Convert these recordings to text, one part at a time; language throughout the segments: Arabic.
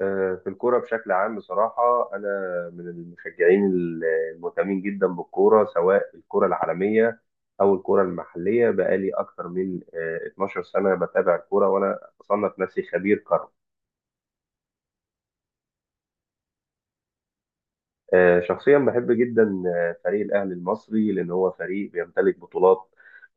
في الكورة بشكل عام، بصراحة أنا من المشجعين المهتمين جدا بالكورة، سواء الكورة العالمية أو الكورة المحلية. بقالي أكتر من 12 سنة بتابع الكورة، وأنا أصنف نفسي خبير كرة. شخصيا بحب جدا فريق الأهلي المصري، لأن هو فريق بيمتلك بطولات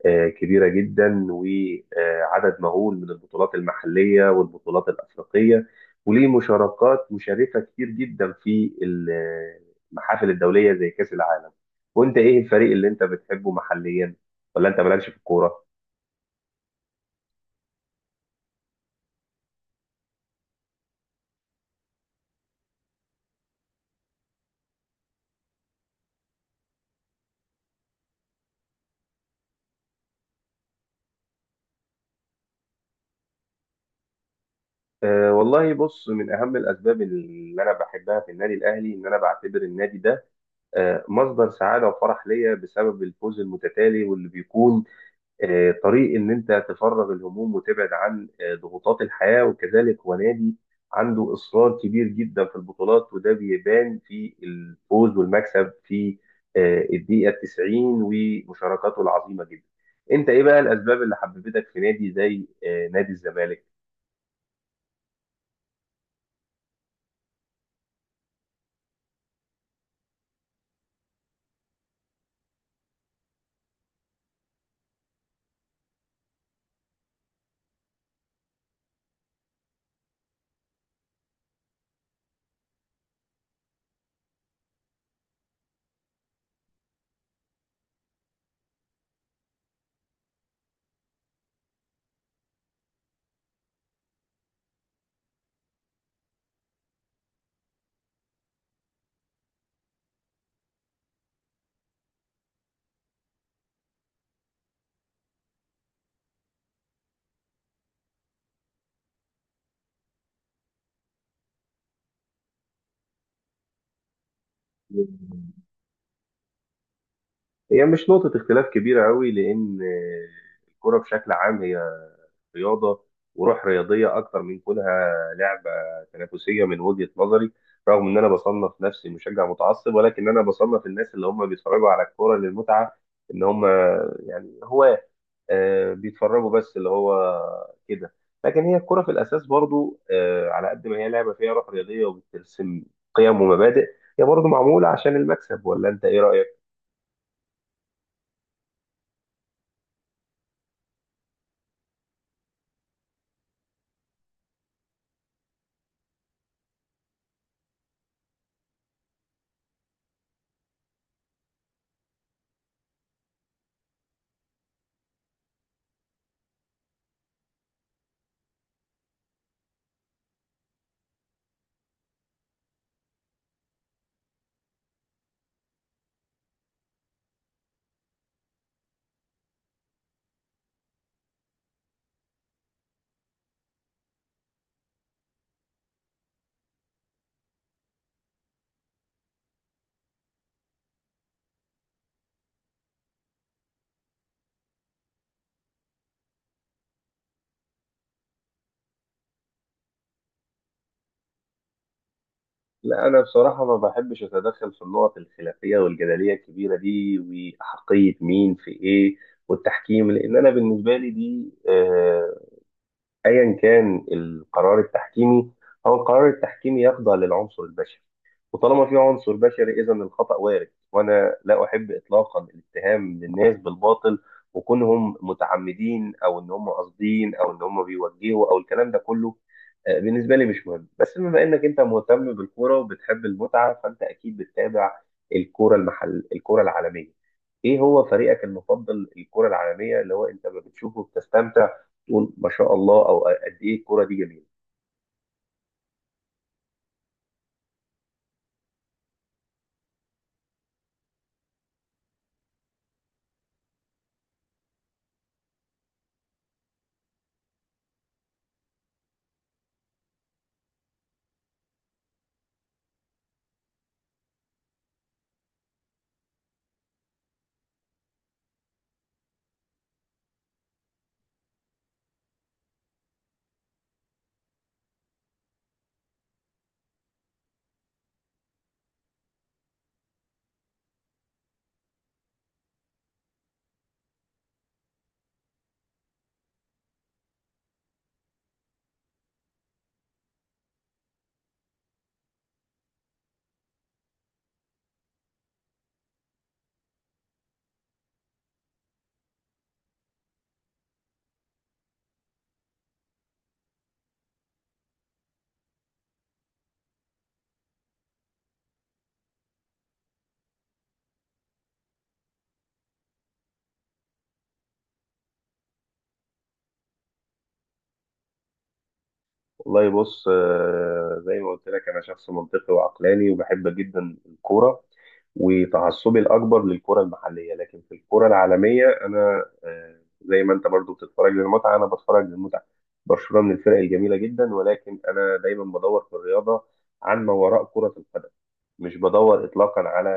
كبيرة جدا، وعدد مهول من البطولات المحلية والبطولات الأفريقية، وليه مشاركات مشرفة كتير جدا في المحافل الدولية زي كأس العالم. وأنت إيه الفريق اللي أنت بتحبه محليا، ولا أنت مالكش في الكورة؟ أه والله، بص، من أهم الأسباب اللي أنا بحبها في النادي الأهلي، إن أنا بعتبر النادي ده مصدر سعاده وفرح ليا، بسبب الفوز المتتالي، واللي بيكون طريق ان انت تفرغ الهموم وتبعد عن ضغوطات الحياه. وكذلك هو نادي عنده اصرار كبير جدا في البطولات، وده بيبان في الفوز والمكسب في الدقيقه 90، ومشاركاته العظيمه جدا. انت ايه بقى الاسباب اللي حببتك في نادي زي نادي الزمالك؟ هي مش نقطة اختلاف كبيرة قوي، لأن الكرة بشكل عام هي رياضه وروح رياضيه، اكتر من كونها لعبه تنافسيه من وجهه نظري. رغم ان انا بصنف نفسي مشجع متعصب، ولكن انا بصنف الناس اللي هم بيتفرجوا على الكوره للمتعه ان هم يعني هواه، بيتفرجوا بس اللي هو كده. لكن هي الكرة في الأساس برضو، على قد ما هي لعبة فيها روح رياضية وبترسم قيم ومبادئ، هي برضو معمولة عشان المكسب. ولا أنت إيه رأيك؟ لا أنا بصراحة ما بحبش أتدخل في النقط الخلافية والجدلية الكبيرة دي، وأحقية مين في إيه والتحكيم، لأن أنا بالنسبة لي دي ايا كان القرار التحكيمي، هو القرار التحكيمي يخضع للعنصر البشري، وطالما في عنصر بشري اذا الخطأ وارد. وانا لا احب اطلاقا الاتهام للناس بالباطل، وكونهم متعمدين او ان هم قاصدين او ان هم بيوجهوا او الكلام ده كله، بالنسبه لي مش مهم. بس بما انك انت مهتم بالكوره وبتحب المتعه، فانت اكيد بتتابع الكوره العالميه. ايه هو فريقك المفضل الكوره العالميه اللي هو انت بتشوفه بتستمتع تقول ما شاء الله، او قد ايه الكوره دي جميله؟ والله بص، زي ما قلت لك انا شخص منطقي وعقلاني وبحب جدا الكوره، وتعصبي الاكبر للكره المحليه. لكن في الكره العالميه انا زي ما انت برضو بتتفرج للمتعه انا بتفرج للمتعه. برشلونه من الفرق الجميله جدا، ولكن انا دايما بدور في الرياضه عن ما وراء كره القدم. مش بدور اطلاقا على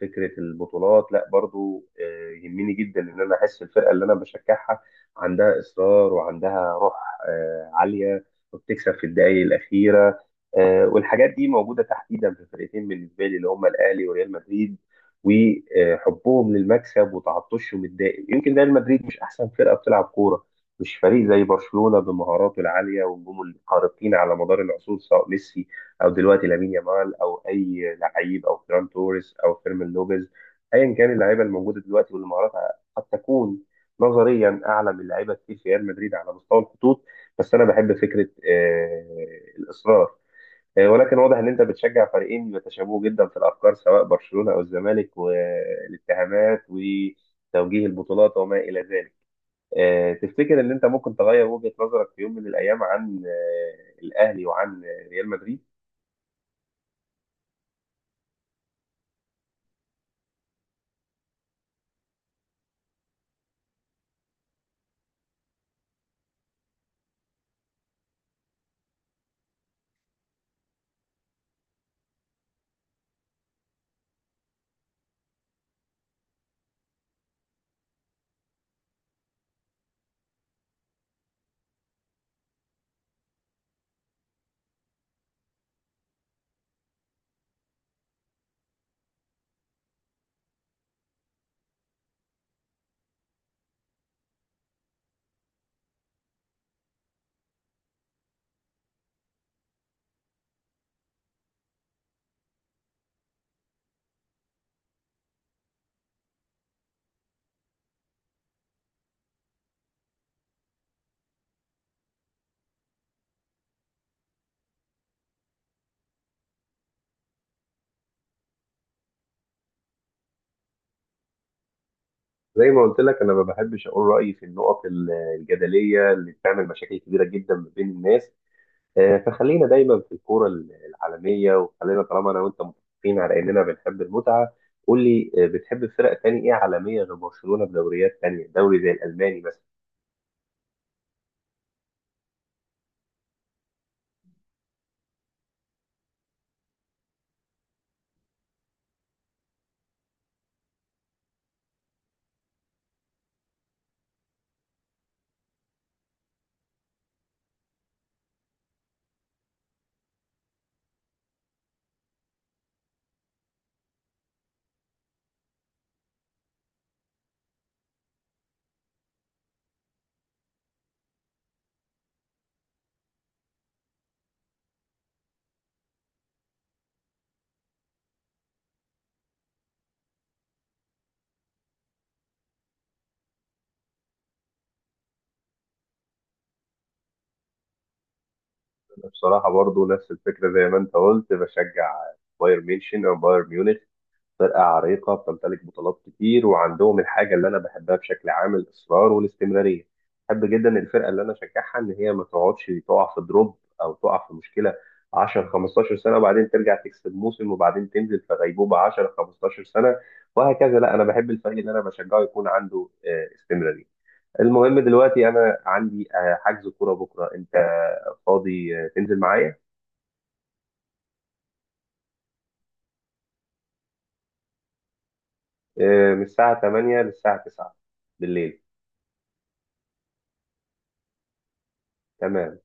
فكره البطولات، لا. برضو يهمني جدا ان انا احس الفرقه اللي انا بشجعها عندها اصرار وعندها روح عاليه، وبتكسب في الدقائق الاخيره. والحاجات دي موجوده تحديدا في فرقتين بالنسبه لي، اللي هم الاهلي وريال مدريد، وحبهم للمكسب وتعطشهم الدائم. يمكن ريال مدريد مش احسن فرقه بتلعب كوره، مش فريق زي برشلونه بمهاراته العاليه ونجومه الخارقين على مدار العصور، سواء ميسي او دلوقتي لامين يامال او اي لعيب او فران توريس او فيرمين لوبيز، ايا كان اللعيبه الموجوده دلوقتي، واللي مهاراتها قد تكون نظريا اعلى من لعيبه كتير في ريال مدريد على مستوى الخطوط. بس انا بحب فكره الاصرار. ولكن واضح ان انت بتشجع فريقين بيتشابهوا جدا في الافكار، سواء برشلونه او الزمالك، والاتهامات وتوجيه البطولات وما الى ذلك. تفتكر ان انت ممكن تغير وجهه نظرك في يوم من الايام عن الاهلي وعن ريال مدريد؟ زي ما قلت لك، انا ما بحبش اقول رايي في الجدليه اللي بتعمل مشاكل كبيره جدا ما بين الناس. فخلينا دايما في العالميه. وخلينا، طالما انا وانت متفقين على اننا بنحب المتعه، قول لي بتحب فرق تاني ايه عالميه غير برشلونه، بدوريات تانيه، دوري زي الالماني مثلا؟ أنا بصراحه برضو نفس الفكره زي ما انت قلت، بشجع بايرن ميونشن او بايرن ميونخ. فرقة عريقة بتمتلك بطولات كتير، وعندهم الحاجة اللي أنا بحبها بشكل عام، الإصرار والاستمرارية. بحب جدا الفرقة اللي أنا أشجعها إن هي ما تقعدش تقع في دروب أو تقع في مشكلة 10 15 سنة، وبعدين ترجع تكسب موسم، وبعدين تنزل في غيبوبة 10 15 سنة وهكذا. لا، أنا بحب الفريق اللي أنا بشجعه يكون عنده استمرارية. المهم دلوقتي أنا عندي حجز كورة بكرة. أنت فاضي تنزل معايا؟ من الساعة 8 للساعة 9 بالليل. تمام.